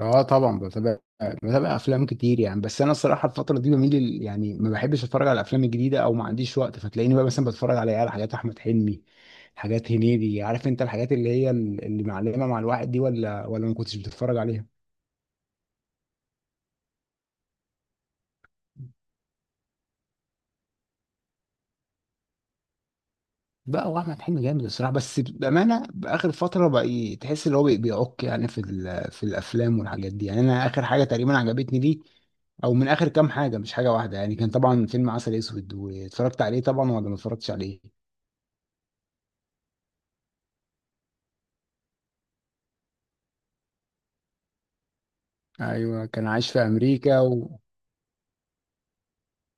اه، طبعا بتابع افلام كتير يعني. بس انا الصراحه الفتره دي بميل يعني ما بحبش اتفرج على الافلام الجديده، او ما عنديش وقت، فتلاقيني بقى مثلا بتفرج على حاجات احمد حلمي، حاجات هنيدي. عارف انت الحاجات اللي هي اللي معلمه مع الواحد دي، ولا ما كنتش بتتفرج عليها؟ بقى هو احمد حلمي جامد الصراحه، بس بامانه باخر فتره بقى تحس ان هو بيعك يعني في في الافلام والحاجات دي. يعني انا اخر حاجه تقريبا عجبتني دي، او من اخر كام حاجه، مش حاجه واحده يعني، كان طبعا فيلم عسل اسود. واتفرجت عليه طبعا، ولا ما اتفرجتش عليه؟ ايوه، كان عايش في امريكا و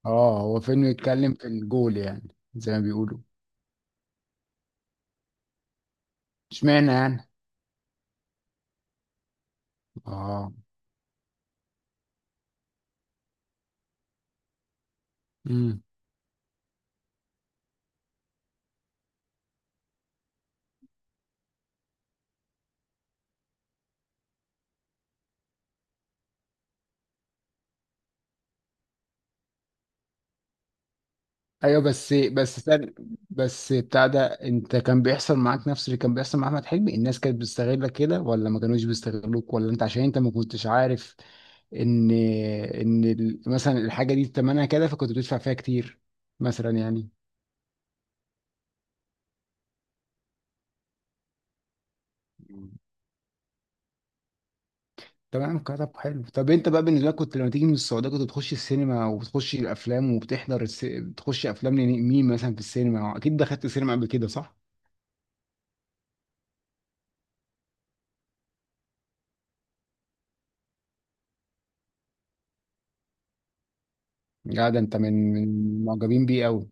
اه، هو فيلم يتكلم في الجول يعني زي ما بيقولوا. اشمعنى يعني؟ اه. امم. ايوه، بس بس بتاع ده، انت كان بيحصل معاك نفس اللي كان بيحصل مع احمد حلمي؟ الناس كانت بتستغلك كده، ولا ما كانوش بيستغلوك؟ ولا انت عشان انت ما كنتش عارف ان مثلا الحاجه دي تمنها كده، فكنت بتدفع فيها كتير، مثلا يعني. تمام. كتب حلو. طب انت بقى بالنسبه لك، كنت لما تيجي من السعوديه كنت بتخش السينما، وبتخش الافلام، وبتحضر بتخش افلام لمين مثلا في السينما؟ اكيد دخلت السينما قبل كده صح؟ لا، ده انت من معجبين بيه قوي.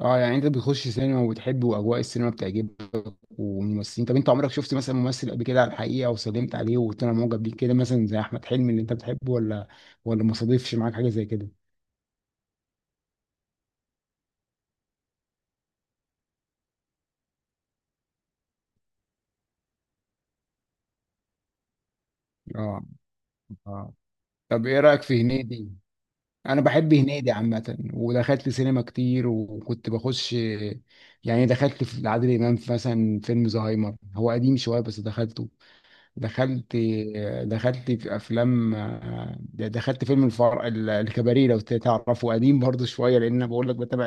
اه، يعني انت بتخش سينما، وبتحب واجواء السينما بتعجبك، والممثلين. طب انت عمرك شفت مثلا ممثل قبل كده على الحقيقه، وسلمت عليه وقلت انا معجب بيه، كده مثلا زي احمد حلمي اللي انت بتحبه، ولا ما صادفش معاك حاجه زي كده؟ اه، اه. طب ايه رايك في هنيدي؟ انا بحب هنيدي عامه، ودخلت سينما كتير، وكنت بخش، يعني دخلت في عادل امام في مثلا فيلم زهايمر، هو قديم شويه بس دخلته. دخلت دخلت في افلام. دخلت فيلم الفار، الكباريه لو تعرفه، قديم برضه شويه، لان انا بقول لك بتابع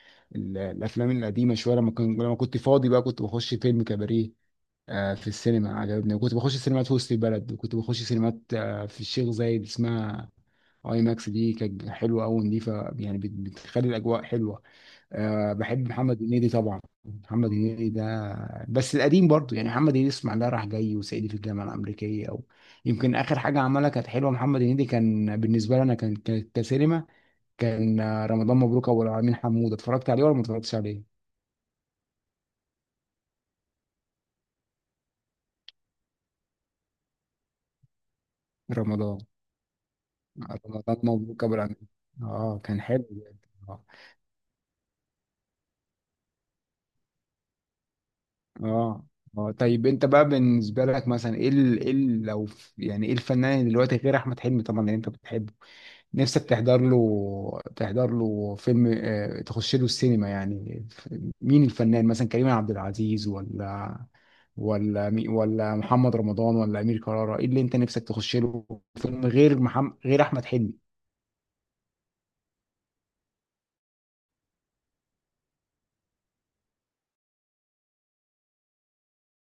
الافلام القديمه شويه. لما كنت فاضي بقى، كنت بخش فيلم كباريه في السينما عجبني، وكنت بخش سينمات في وسط البلد، وكنت بخش سينمات في الشيخ زايد، اسمها اي ماكس، دي كانت حلوه قوي ونضيفه يعني، بتخلي الاجواء حلوه. بحب محمد هنيدي طبعا. محمد هنيدي ده بس القديم برضه، يعني محمد هنيدي اسمع، ده راح جاي وصعيدي في الجامعه الامريكيه، او يمكن اخر حاجه عملها كانت حلوه. محمد هنيدي كان بالنسبه لي انا، كسينما، كان رمضان مبروك ابو العالمين، حموده. اتفرجت عليه، ولا ما اتفرجتش عليه؟ رمضان، مبروك ابو العمل، اه، كان حلو جدا. اه. اه. آه. طيب انت بقى بالنسبه لك، مثلا ايه ايه يعني ايه الفنان دلوقتي غير احمد حلمي طبعا اللي انت بتحبه، نفسك تحضر له، فيلم، تخش له السينما؟ يعني مين الفنان؟ مثلا كريم عبد العزيز، ولا ولا محمد رمضان، ولا امير كرارة؟ ايه اللي انت نفسك تخش له فيلم، غير محمد، غير احمد حلمي؟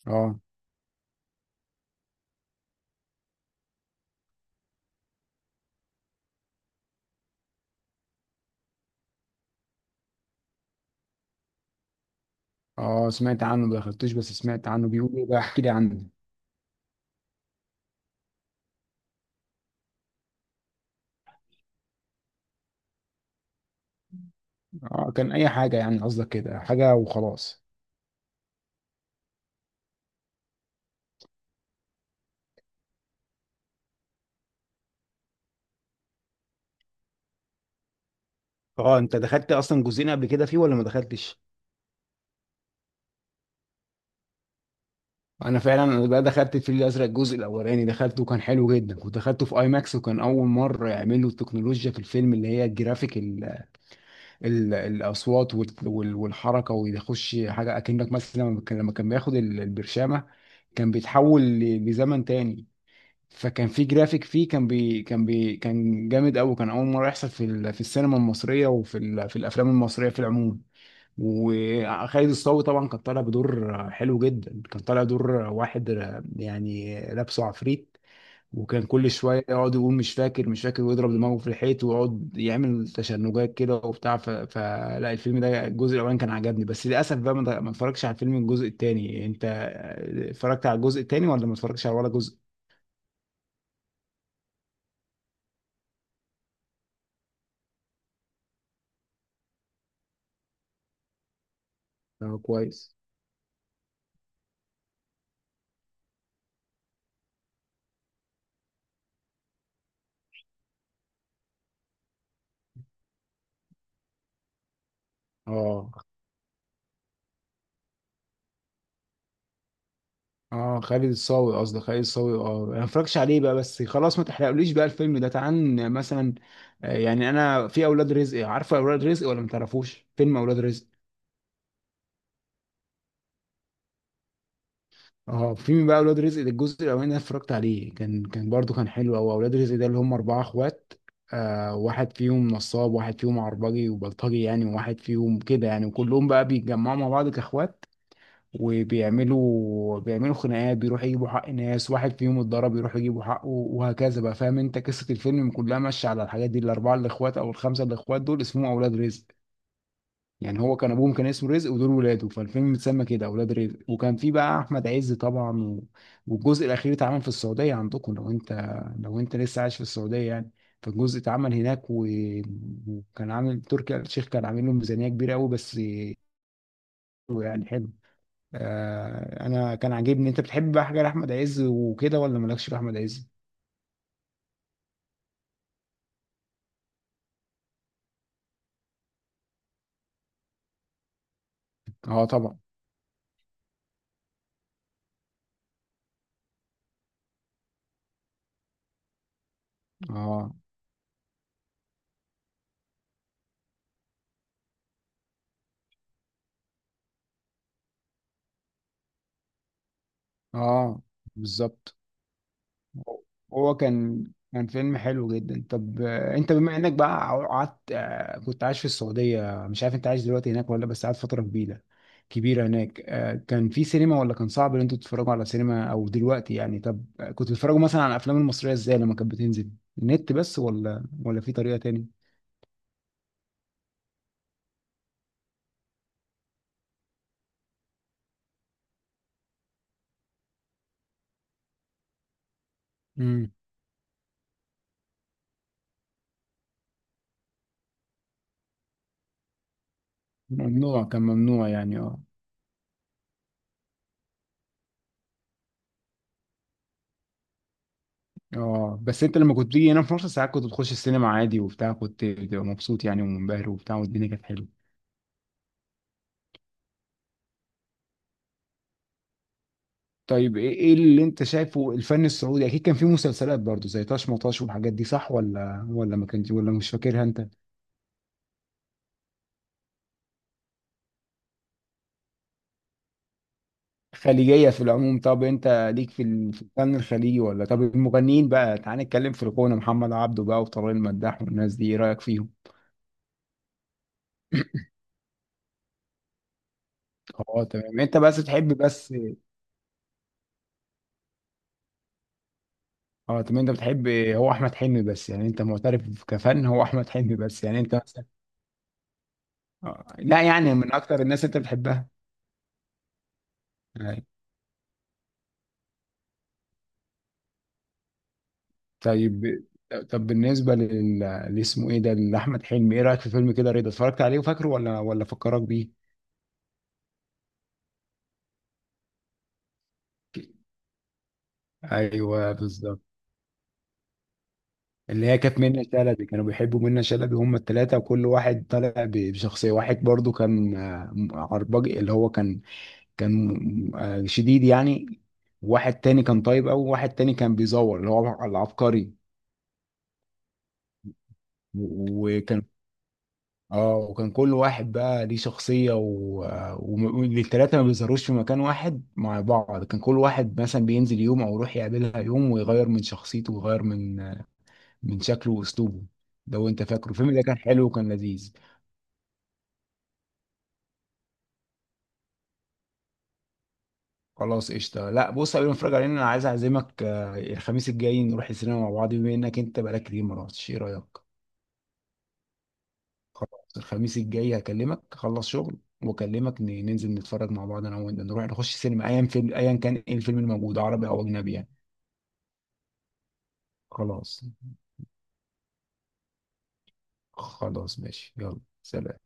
اه، اه، سمعت عنه، ما دخلتوش، بس سمعت عنه بيقولوا بقى. احكي لي عنه. اه، كان اي حاجه، يعني قصدك كده حاجه وخلاص. اه، انت دخلت اصلا جزئين قبل كده فيه، ولا ما دخلتش؟ انا فعلا بقى دخلت الفيل الازرق الجزء الاولاني، دخلته وكان حلو جدا، ودخلته في اي ماكس، وكان اول مره يعملوا التكنولوجيا في الفيلم، اللي هي الجرافيك، ال ال الاصوات والحركه، ويخش حاجه اكنك مثلا، لما كان بياخد البرشامه، كان بيتحول لزمن تاني. فكان في جرافيك فيه، كان جامد قوي. كان اول مره يحصل في في السينما المصريه، وفي في الافلام المصريه في العموم. وخالد الصاوي طبعا كان طالع بدور حلو جدا، كان طالع دور واحد يعني، لابسه عفريت، وكان كل شويه يقعد يقول: مش فاكر، مش فاكر، ويضرب دماغه في الحيط، ويقعد يعمل تشنجات كده وبتاع. فلا الفيلم ده الجزء الاولاني كان عجبني، بس للاسف بقى ما اتفرجتش على الفيلم الجزء التاني. انت اتفرجت على الجزء التاني، ولا ما اتفرجتش على ولا جزء؟ اه، كويس. اه، اه، خالد الصاوي، قصدي خالد الصاوي، اه انا ما اتفرجتش عليه بقى، بس خلاص ما تحرقليش بقى الفيلم ده. تعال مثلا، يعني انا في اولاد رزق. عارفه اولاد رزق، ولا ما تعرفوش فيلم اولاد رزق؟ اه، فيلم بقى اولاد رزق ده، الجزء الاولاني ده اتفرجت عليه، كان برضو كان حلو. او اولاد رزق ده اللي هم اربعه اخوات، واحد فيهم نصاب، واحد فيهم عربجي وبلطجي يعني، وواحد فيهم كده يعني، وكلهم بقى بيتجمعوا مع بعض كاخوات، وبيعملوا خناقات، بيروحوا يجيبوا حق ناس، واحد فيهم اتضرب يروحوا يجيبوا حقه، وهكذا بقى. فاهم انت قصة الفيلم كلها ماشية على الحاجات دي. الأربعة الإخوات أو الخمسة الإخوات دول اسمهم أولاد رزق. يعني هو كان أبوهم كان اسمه رزق، ودول ولاده، فالفيلم اتسمى كده أولاد رزق. وكان في بقى أحمد عز طبعا و والجزء الأخير اتعمل في السعودية عندكم، لو أنت لسه عايش في السعودية يعني. فالجزء اتعمل هناك و وكان عامل تركي آل الشيخ كان عامل له ميزانية كبيرة قوي، بس حلو يعني، حلو. انا كان عاجبني. انت بتحب بقى حاجه لاحمد عز وكده، ولا مالكش في احمد عز؟ اه طبعا. اه، اه. بالظبط. هو كان، فيلم حلو جدا. طب انت بما انك بقى قعدت، كنت عايش في السعوديه، مش عارف انت عايش دلوقتي هناك، ولا بس قعدت فتره كبيره كبيره هناك. كان في سينما، ولا كان صعب ان انتوا تتفرجوا على سينما او دلوقتي يعني؟ طب كنتوا بتتفرجوا مثلا على الافلام المصريه ازاي لما كانت بتنزل؟ النت بس، ولا في طريقه تاني؟ امم. ممنوع، كان ممنوع يعني، اه. اه، بس انت لما كنت بتيجي هنا في مصر ساعات كنت بتخش السينما عادي وبتاع، كنت بتبقى مبسوط يعني ومنبهر وبتاع، والدنيا كانت حلوه. طيب، ايه اللي انت شايفه الفن السعودي؟ اكيد كان فيه مسلسلات برضو زي طاش مطاش والحاجات دي، صح؟ ولا ما كانش؟ ولا مش فاكرها انت؟ خليجيه في العموم. طب انت ليك في في الفن الخليجي، ولا؟ طب المغنيين بقى، تعال نتكلم في الغنى: محمد عبده بقى، وطارق المداح، والناس دي، ايه رايك فيهم؟ اه تمام. انت بس بتحب بس. اه تمام، انت بتحب هو احمد حلمي بس يعني، انت معترف كفن هو احمد حلمي بس يعني انت؟ آه. لا يعني من اكتر الناس انت بتحبها. أيوة. طيب. بالنسبه اللي اسمه ايه ده، لاحمد حلمي، ايه رايك في فيلم كده رضا؟ اتفرجت عليه وفاكره، ولا فكرك بيه؟ ايوه، بالظبط. اللي هي كانت منة شلبي، كانوا بيحبوا منة شلبي هم الثلاثه، وكل واحد طالع بشخصيه. واحد برضو كان عرباج اللي هو كان، كان شديد يعني. واحد تاني كان طيب قوي، وواحد تاني كان بيزور، اللي هو العبقري. وكان، اه وكان كل واحد بقى ليه شخصية. و- والتلاتة ما بيظهروش في مكان واحد مع بعض، كان كل واحد مثلا بينزل يوم، او يروح يقابلها يوم، ويغير من شخصيته، ويغير من شكله واسلوبه، لو انت فاكره الفيلم ده، كان حلو وكان لذيذ. خلاص، قشطة. لا، بص، قبل ما نتفرج عليه انا عايز اعزمك، الخميس الجاي نروح السينما مع بعض، بما انك انت بقالك كتير ما رحتش، ايه رأيك؟ خلاص، الخميس الجاي هكلمك، اخلص شغل واكلمك، ننزل نتفرج مع بعض، انا وانت، نروح نخش سينما ايا فيلم، ايا كان ايه الفيلم الموجود، عربي او اجنبي يعني. خلاص. خلاص ماشي، يلا سلام.